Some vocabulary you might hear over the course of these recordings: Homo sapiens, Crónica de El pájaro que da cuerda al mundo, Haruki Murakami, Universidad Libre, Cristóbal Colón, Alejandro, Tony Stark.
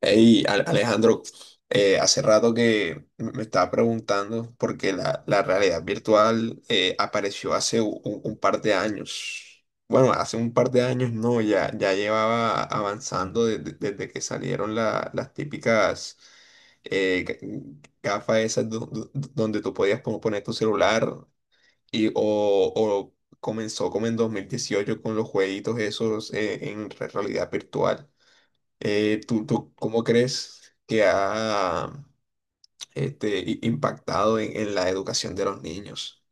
Hey, Alejandro, hace rato que me estaba preguntando porque la realidad virtual, apareció hace un par de años. Bueno, hace un par de años no, ya llevaba avanzando desde que salieron las típicas, gafas esas donde tú podías poner tu celular y, o comenzó como en 2018 con los jueguitos esos, en realidad virtual. ¿Tú cómo crees que ha impactado en la educación de los niños?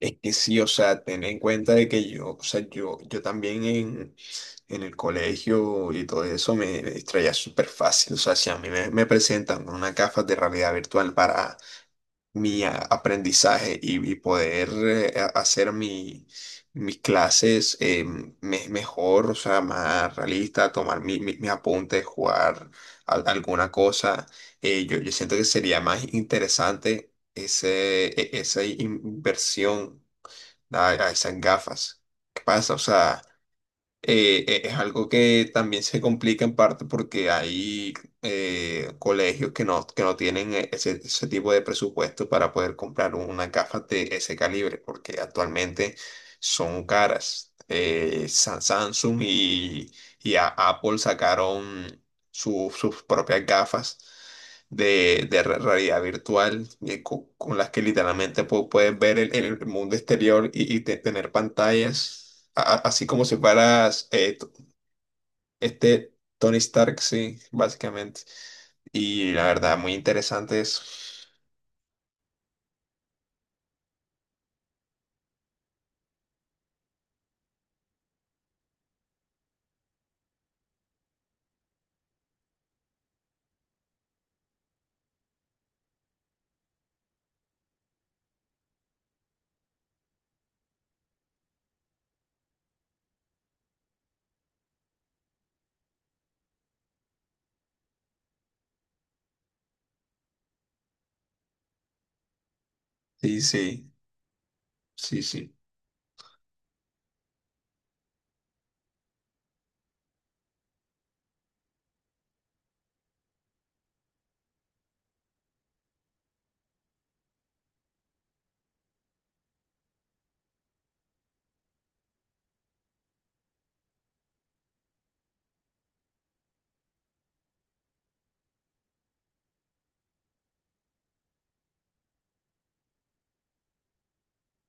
Es que sí, o sea, ten en cuenta de que yo, o sea, yo también en el colegio y todo eso me distraía súper fácil. O sea, si a mí me presentan con unas gafas de realidad virtual para mi aprendizaje y poder, hacer mis clases, mejor, o sea, más realista, tomar mis apuntes, jugar alguna cosa. Yo siento que sería más interesante esa inversión a esas gafas. ¿Qué pasa? O sea, es algo que también se complica en parte porque hay, colegios que no tienen ese tipo de presupuesto para poder comprar una caja de ese calibre, porque actualmente son caras. Samsung y Apple sacaron sus propias gafas de realidad virtual, con las que literalmente puedes ver el mundo exterior y tener pantallas, así como si fueras Tony Stark, sí, básicamente. Y la verdad, muy interesante eso. Sí, sí, sí, sí.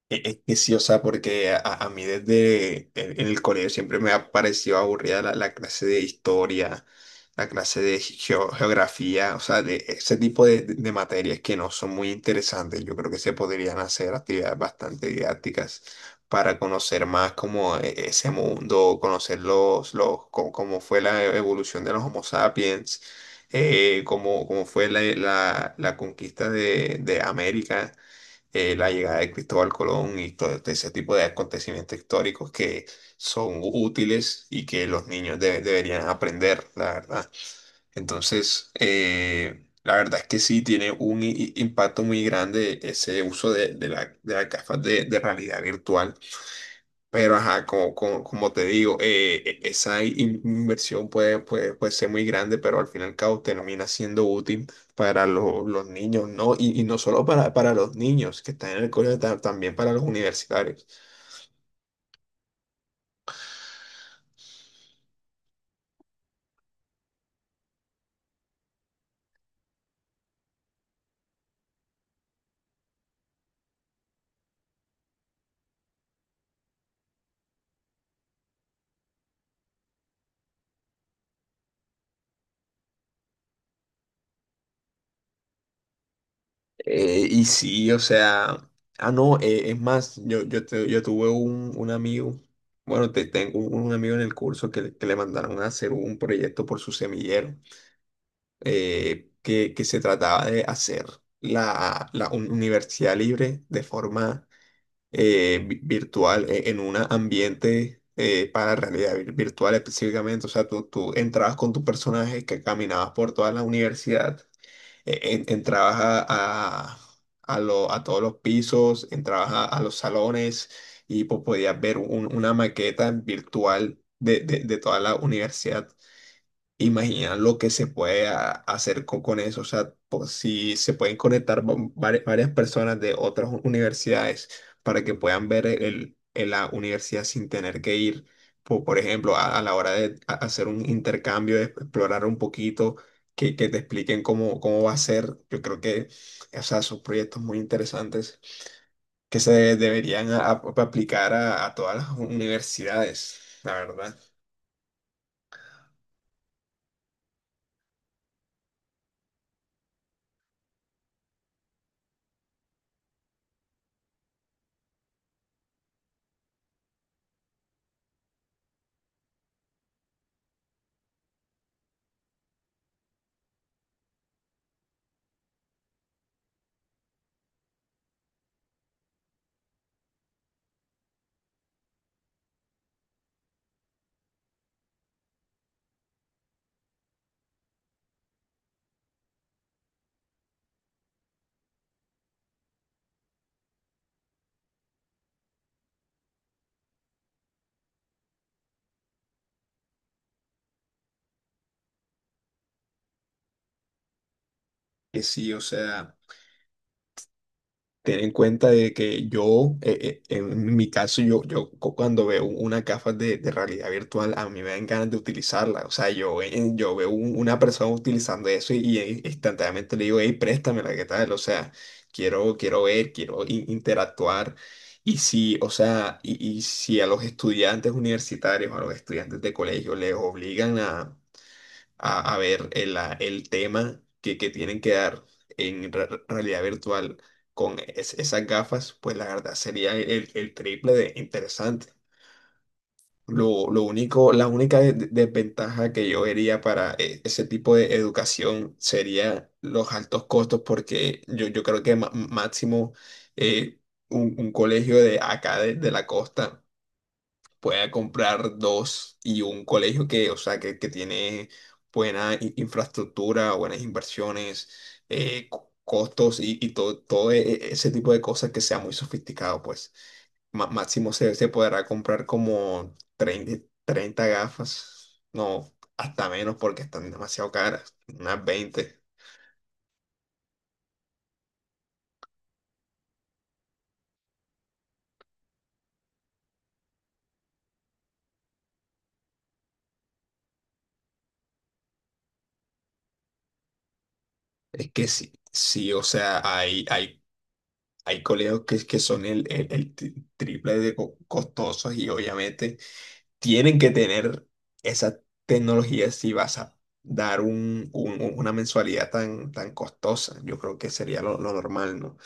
Es que sí, o sea, porque a mí desde en el colegio siempre me ha parecido aburrida la clase de historia, la clase de geografía, o sea, de ese tipo de materias que no son muy interesantes. Yo creo que se podrían hacer actividades bastante didácticas para conocer más como ese mundo, conocer cómo fue la evolución de los Homo sapiens, cómo fue la conquista de América, la llegada de Cristóbal Colón y todo ese tipo de acontecimientos históricos que son útiles y que los niños deberían aprender, la verdad. Entonces, la verdad es que sí tiene un impacto muy grande ese uso de las gafas de realidad virtual, pero, ajá, como te digo, esa inversión, puede ser muy grande, pero al fin y al cabo termina siendo útil para los niños, ¿no? Y no solo para los niños que están en el colegio, también para los universitarios. Y sí, o sea, ah, no, es más, yo tuve un amigo, bueno, tengo un amigo en el curso que le mandaron a hacer un proyecto por su semillero. Que se trataba de hacer universidad libre de forma virtual, en un ambiente para realidad virtual específicamente. O sea, tú entrabas con tu personaje que caminabas por toda la universidad, entrabas a todos los pisos, entrabas a los salones y pues, podías ver una maqueta virtual de toda la universidad. Imagina lo que se puede hacer con eso, o sea, por si se pueden conectar varias personas de otras universidades para que puedan ver la universidad sin tener que ir, por ejemplo, a la hora de hacer un intercambio, de explorar un poquito, que te expliquen cómo va a ser. Yo creo que, o sea, son proyectos muy interesantes que se deberían aplicar a todas las universidades, la verdad, que sí, o sea. Ten en cuenta de que yo, en mi caso, cuando veo una gafas de realidad virtual, a mí me dan ganas de utilizarla. O sea, yo veo una persona utilizando eso instantáneamente le digo, hey, préstamela, ¿qué tal? O sea, quiero ver, quiero interactuar. Y si, o sea, y si a los estudiantes universitarios, a los estudiantes de colegio les obligan a ver el tema que tienen que dar en realidad virtual con esas gafas, pues la verdad sería el triple de interesante. Lo único, la única desventaja que yo vería para ese tipo de educación sería los altos costos, porque yo creo que máximo, eh, un colegio de acá de la costa pueda comprar dos y un colegio que, o sea, que tiene buena infraestructura, buenas inversiones, costos y todo ese tipo de cosas que sea muy sofisticado, pues. Máximo se podrá comprar como 30 gafas, no, hasta menos porque están demasiado caras, unas 20. Es que sí, sí, o sea, hay colegios que son triple de costosos y obviamente tienen que tener esa tecnología si vas a dar una mensualidad tan costosa. Yo creo que sería lo normal, ¿no?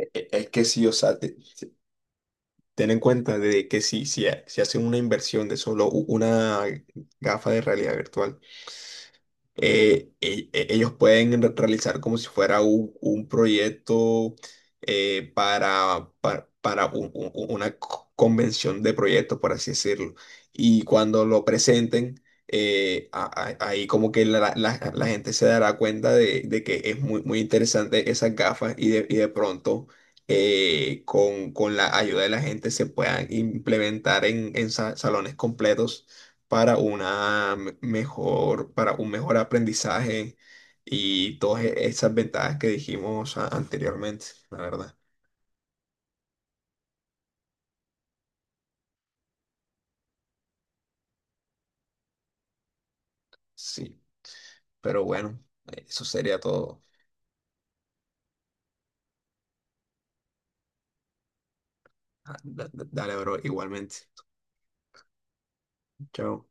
Es que sí, o sea, ten en cuenta de que si hacen una inversión de solo una gafa de realidad virtual, ellos pueden realizar como si fuera un proyecto, para una convención de proyectos, por así decirlo. Y cuando lo presenten, ahí como que la gente se dará cuenta de que es muy, muy interesante esas gafas y, de pronto, con la ayuda de la gente se puedan implementar en salones completos para un mejor aprendizaje y todas esas ventajas que dijimos anteriormente, la verdad. Sí, pero bueno, eso sería todo. Ah, dale, bro, igualmente. Chao.